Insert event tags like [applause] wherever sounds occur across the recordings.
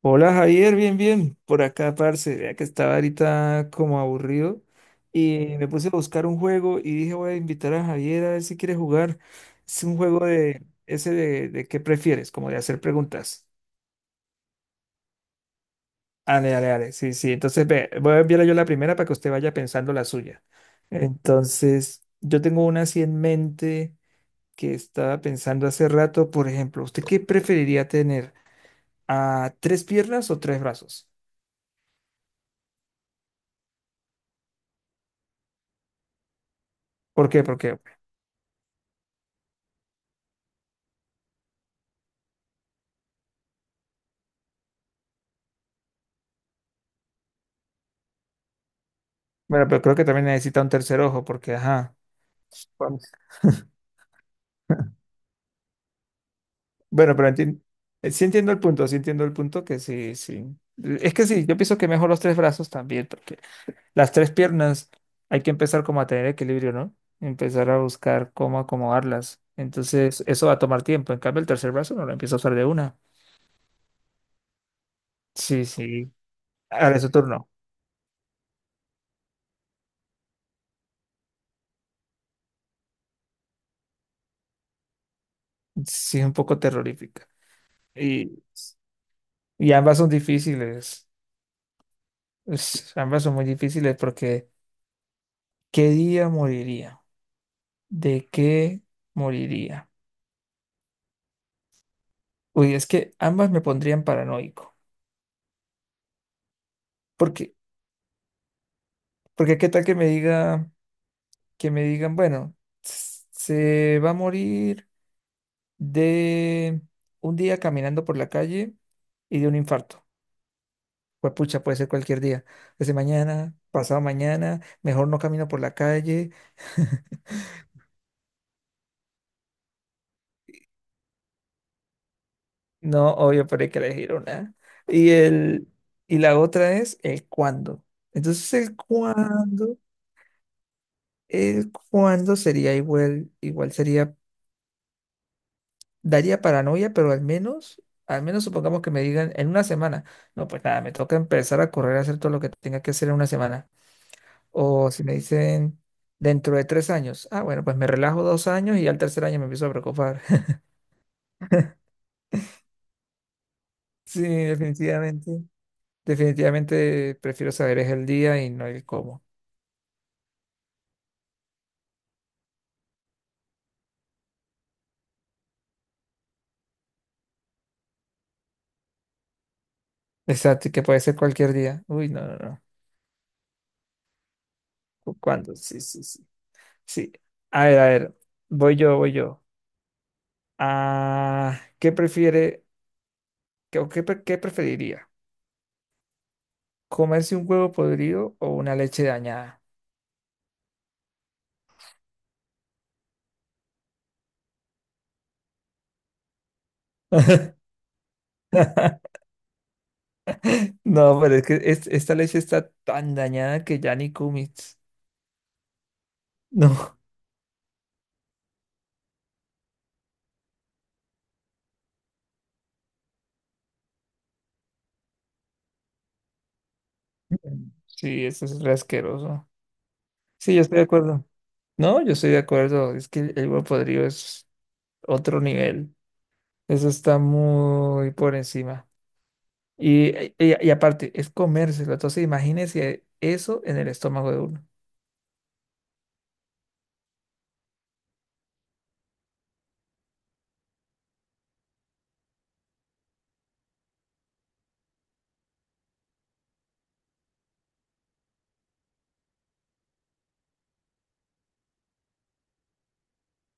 Hola Javier, bien, bien, por acá, parce, vea que estaba ahorita como aburrido y me puse a buscar un juego y dije voy a invitar a Javier a ver si quiere jugar. Es un juego de ese de qué prefieres, como de hacer preguntas. Dale, dale, dale, sí, sí, entonces ve, voy a enviarle yo la primera para que usted vaya pensando la suya. Entonces, yo tengo una así en mente que estaba pensando hace rato, por ejemplo, ¿usted qué preferiría tener? ¿A tres piernas o tres brazos? ¿Por qué? Porque bueno, pero creo que también necesita un tercer ojo porque, ajá. Bueno, [laughs] bueno, pero sí entiendo el punto, sí entiendo el punto que sí, sí. Es que sí, yo pienso que mejor los tres brazos también, porque las tres piernas hay que empezar como a tener equilibrio, ¿no? Empezar a buscar cómo acomodarlas. Entonces, eso va a tomar tiempo. En cambio, el tercer brazo no lo empiezo a usar de una. Sí, sí. Ahora es su turno. Sí, es un poco terrorífica. Y, y ambas son difíciles. Ambas son muy difíciles porque ¿qué día moriría? ¿De qué moriría? Uy, es que ambas me pondrían paranoico. Porque, porque qué tal que me diga, que me digan, bueno, se va a morir de un día caminando por la calle y de un infarto. Pues pucha, puede ser cualquier día. Desde mañana, pasado mañana, mejor no camino por la calle. [laughs] No, obvio, pero hay que elegir una. Y el, y la otra es el cuándo. Entonces, el cuándo. eh, ¿Cuándo sería igual? Igual sería, daría paranoia, pero al menos supongamos que me digan en una semana. No, pues nada, me toca empezar a correr a hacer todo lo que tenga que hacer en una semana. O si me dicen dentro de 3 años, ah, bueno, pues me relajo 2 años y al tercer año me empiezo a preocupar. [laughs] Sí, definitivamente. Definitivamente prefiero saber es el día y no el cómo. Exacto, y que puede ser cualquier día. Uy, no, no, no. ¿Cuándo? Sí, sí, sí. Sí. A ver, a ver. Voy yo, voy yo. Ah, ¿qué prefiere qué, o qué, pre- ¿qué preferiría? ¿Comerse un huevo podrido o una leche dañada? [laughs] No, pero es que esta leche está tan dañada que ya ni comes. [laughs] No. Mm. Sí, eso es re asqueroso. Sí, yo estoy de acuerdo. No, yo estoy de acuerdo. Es que el huevo podrido es otro nivel. Eso está muy por encima. Y, y aparte, es comérselo. Entonces, imagínese eso en el estómago de uno.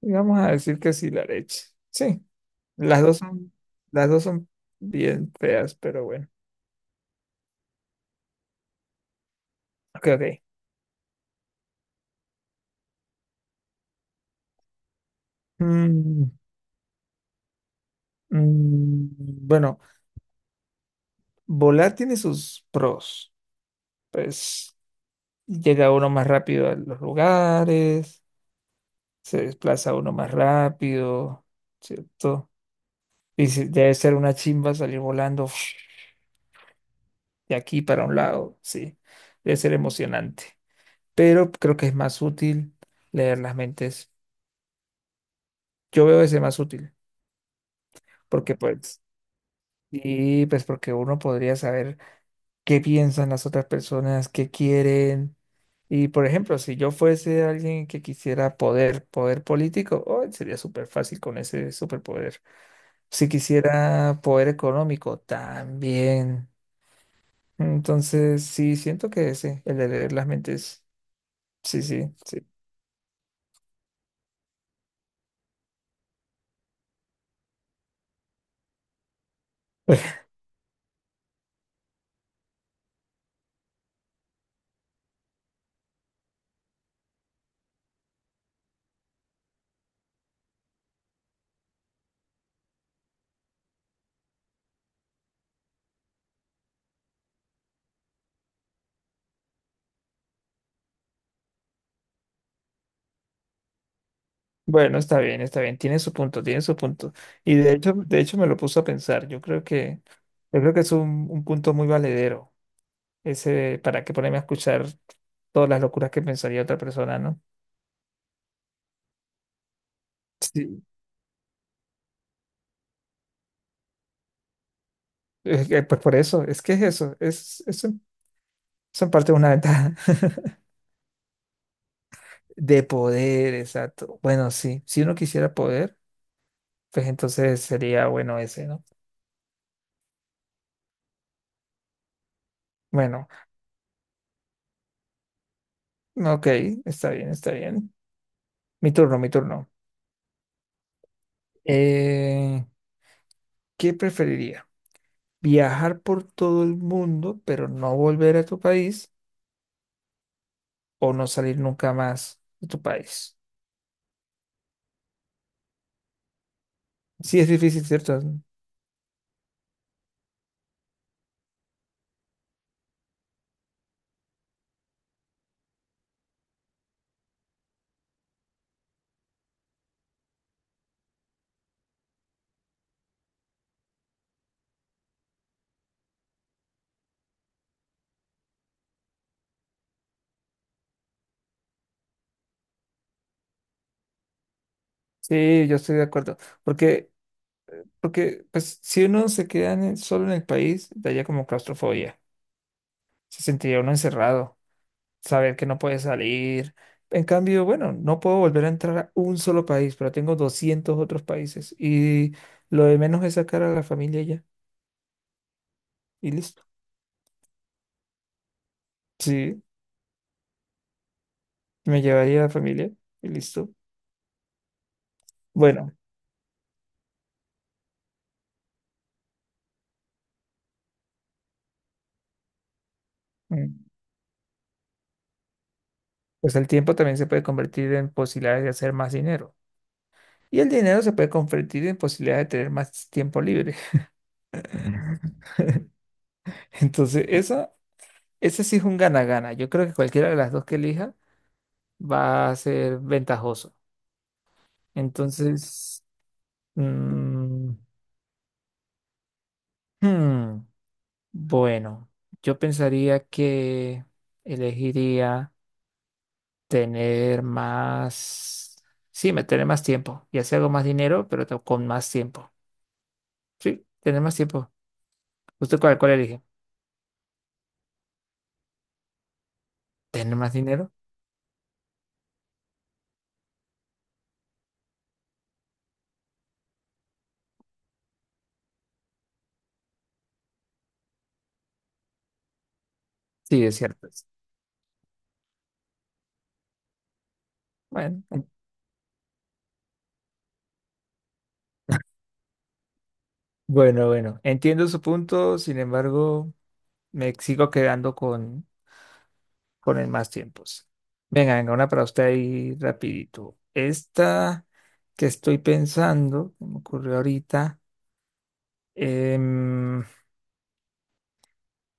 Y vamos a decir que sí, la leche. Sí, las dos son, las dos son bien feas, pero bueno. Ok, ok. Mm, mm, bueno, volar tiene sus pros. Pues llega uno más rápido a los lugares, se desplaza uno más rápido, ¿cierto? Debe ser una chimba salir volando [sniffs] de aquí para un lado, sí. Debe ser emocionante. Pero creo que es más útil leer las mentes. Yo veo ese más útil. Porque pues, y pues porque uno podría saber qué piensan las otras personas, qué quieren. Y por ejemplo, si yo fuese alguien que quisiera poder político, oh, sería súper fácil con ese superpoder. Si quisiera poder económico, también. Entonces, sí, siento que ese, el de leer las mentes, sí, sí, sí. Bueno, está bien, tiene su punto, tiene su punto. Y de hecho me lo puso a pensar. Yo creo que es un punto muy valedero. Ese, ¿para qué ponerme a escuchar todas las locuras que pensaría otra persona, ¿no? Sí. Es que, pues por eso, es que es eso, es en parte una ventaja [laughs] de poder, exacto. Bueno, sí, si uno quisiera poder, pues entonces sería bueno ese, ¿no? Bueno, ok, está bien, está bien. Mi turno, mi turno. Eh, ¿Qué preferiría? ¿Viajar por todo el mundo, pero no volver a tu país o no salir nunca más de tu país? Sí, es difícil, ¿cierto? Sí, yo estoy de acuerdo. Porque, porque pues, si uno se queda solo en el país, daría como claustrofobia. Se sentiría uno encerrado, saber que no puede salir. En cambio, bueno, no puedo volver a entrar a un solo país, pero tengo 200 otros países. Y lo de menos es sacar a la familia ya. Y listo. Sí, me llevaría a la familia. Y listo. Bueno, mm, pues el tiempo también se puede convertir en posibilidades de hacer más dinero. Y el dinero se puede convertir en posibilidades de tener más tiempo libre. [laughs] Entonces, ese sí es un gana-gana. Yo creo que cualquiera de las dos que elija va a ser ventajoso. Entonces, mm, hmm, bueno, yo pensaría que elegiría tener más, tener más tiempo. Ya sea hago más dinero, pero con más tiempo. Sí, tener más tiempo. ¿Usted cuál elige? ¿Tener más dinero? Sí, es cierto. Bueno, bueno, bueno. Entiendo su punto, sin embargo. Me sigo quedando con el más tiempos. Venga, venga, una para usted ahí rapidito. Esta que estoy pensando, que me ocurrió ahorita. em,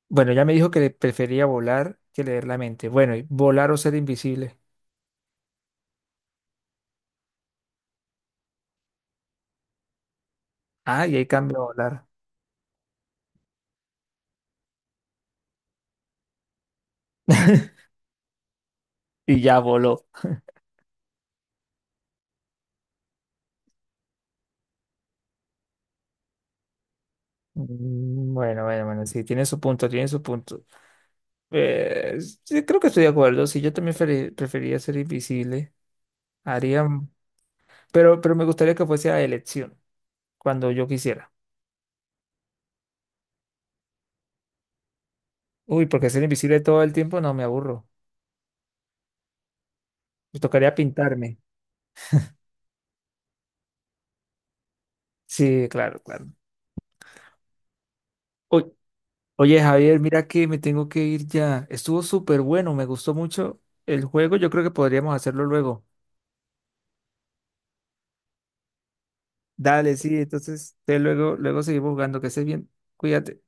bueno, ya me dijo que le prefería volar que leer la mente. Bueno, y volar o ser invisible. Ah, y ahí cambia a volar. [laughs] Y ya voló. Bueno, bueno, bueno, sí, tiene su punto, tiene su punto. Eh, sí, creo que estoy de acuerdo. Sí, yo también preferiría ser invisible. Haría, pero me gustaría que fuese a elección. Cuando yo quisiera. Uy, porque ser invisible todo el tiempo no me aburro. Me tocaría pintarme. Sí, claro, claro. Uy, oye, Javier, mira que me tengo que ir ya. Estuvo súper bueno, me gustó mucho el juego. Yo creo que podríamos hacerlo luego. Dale, sí, entonces te luego seguimos jugando. Que estés bien. Cuídate.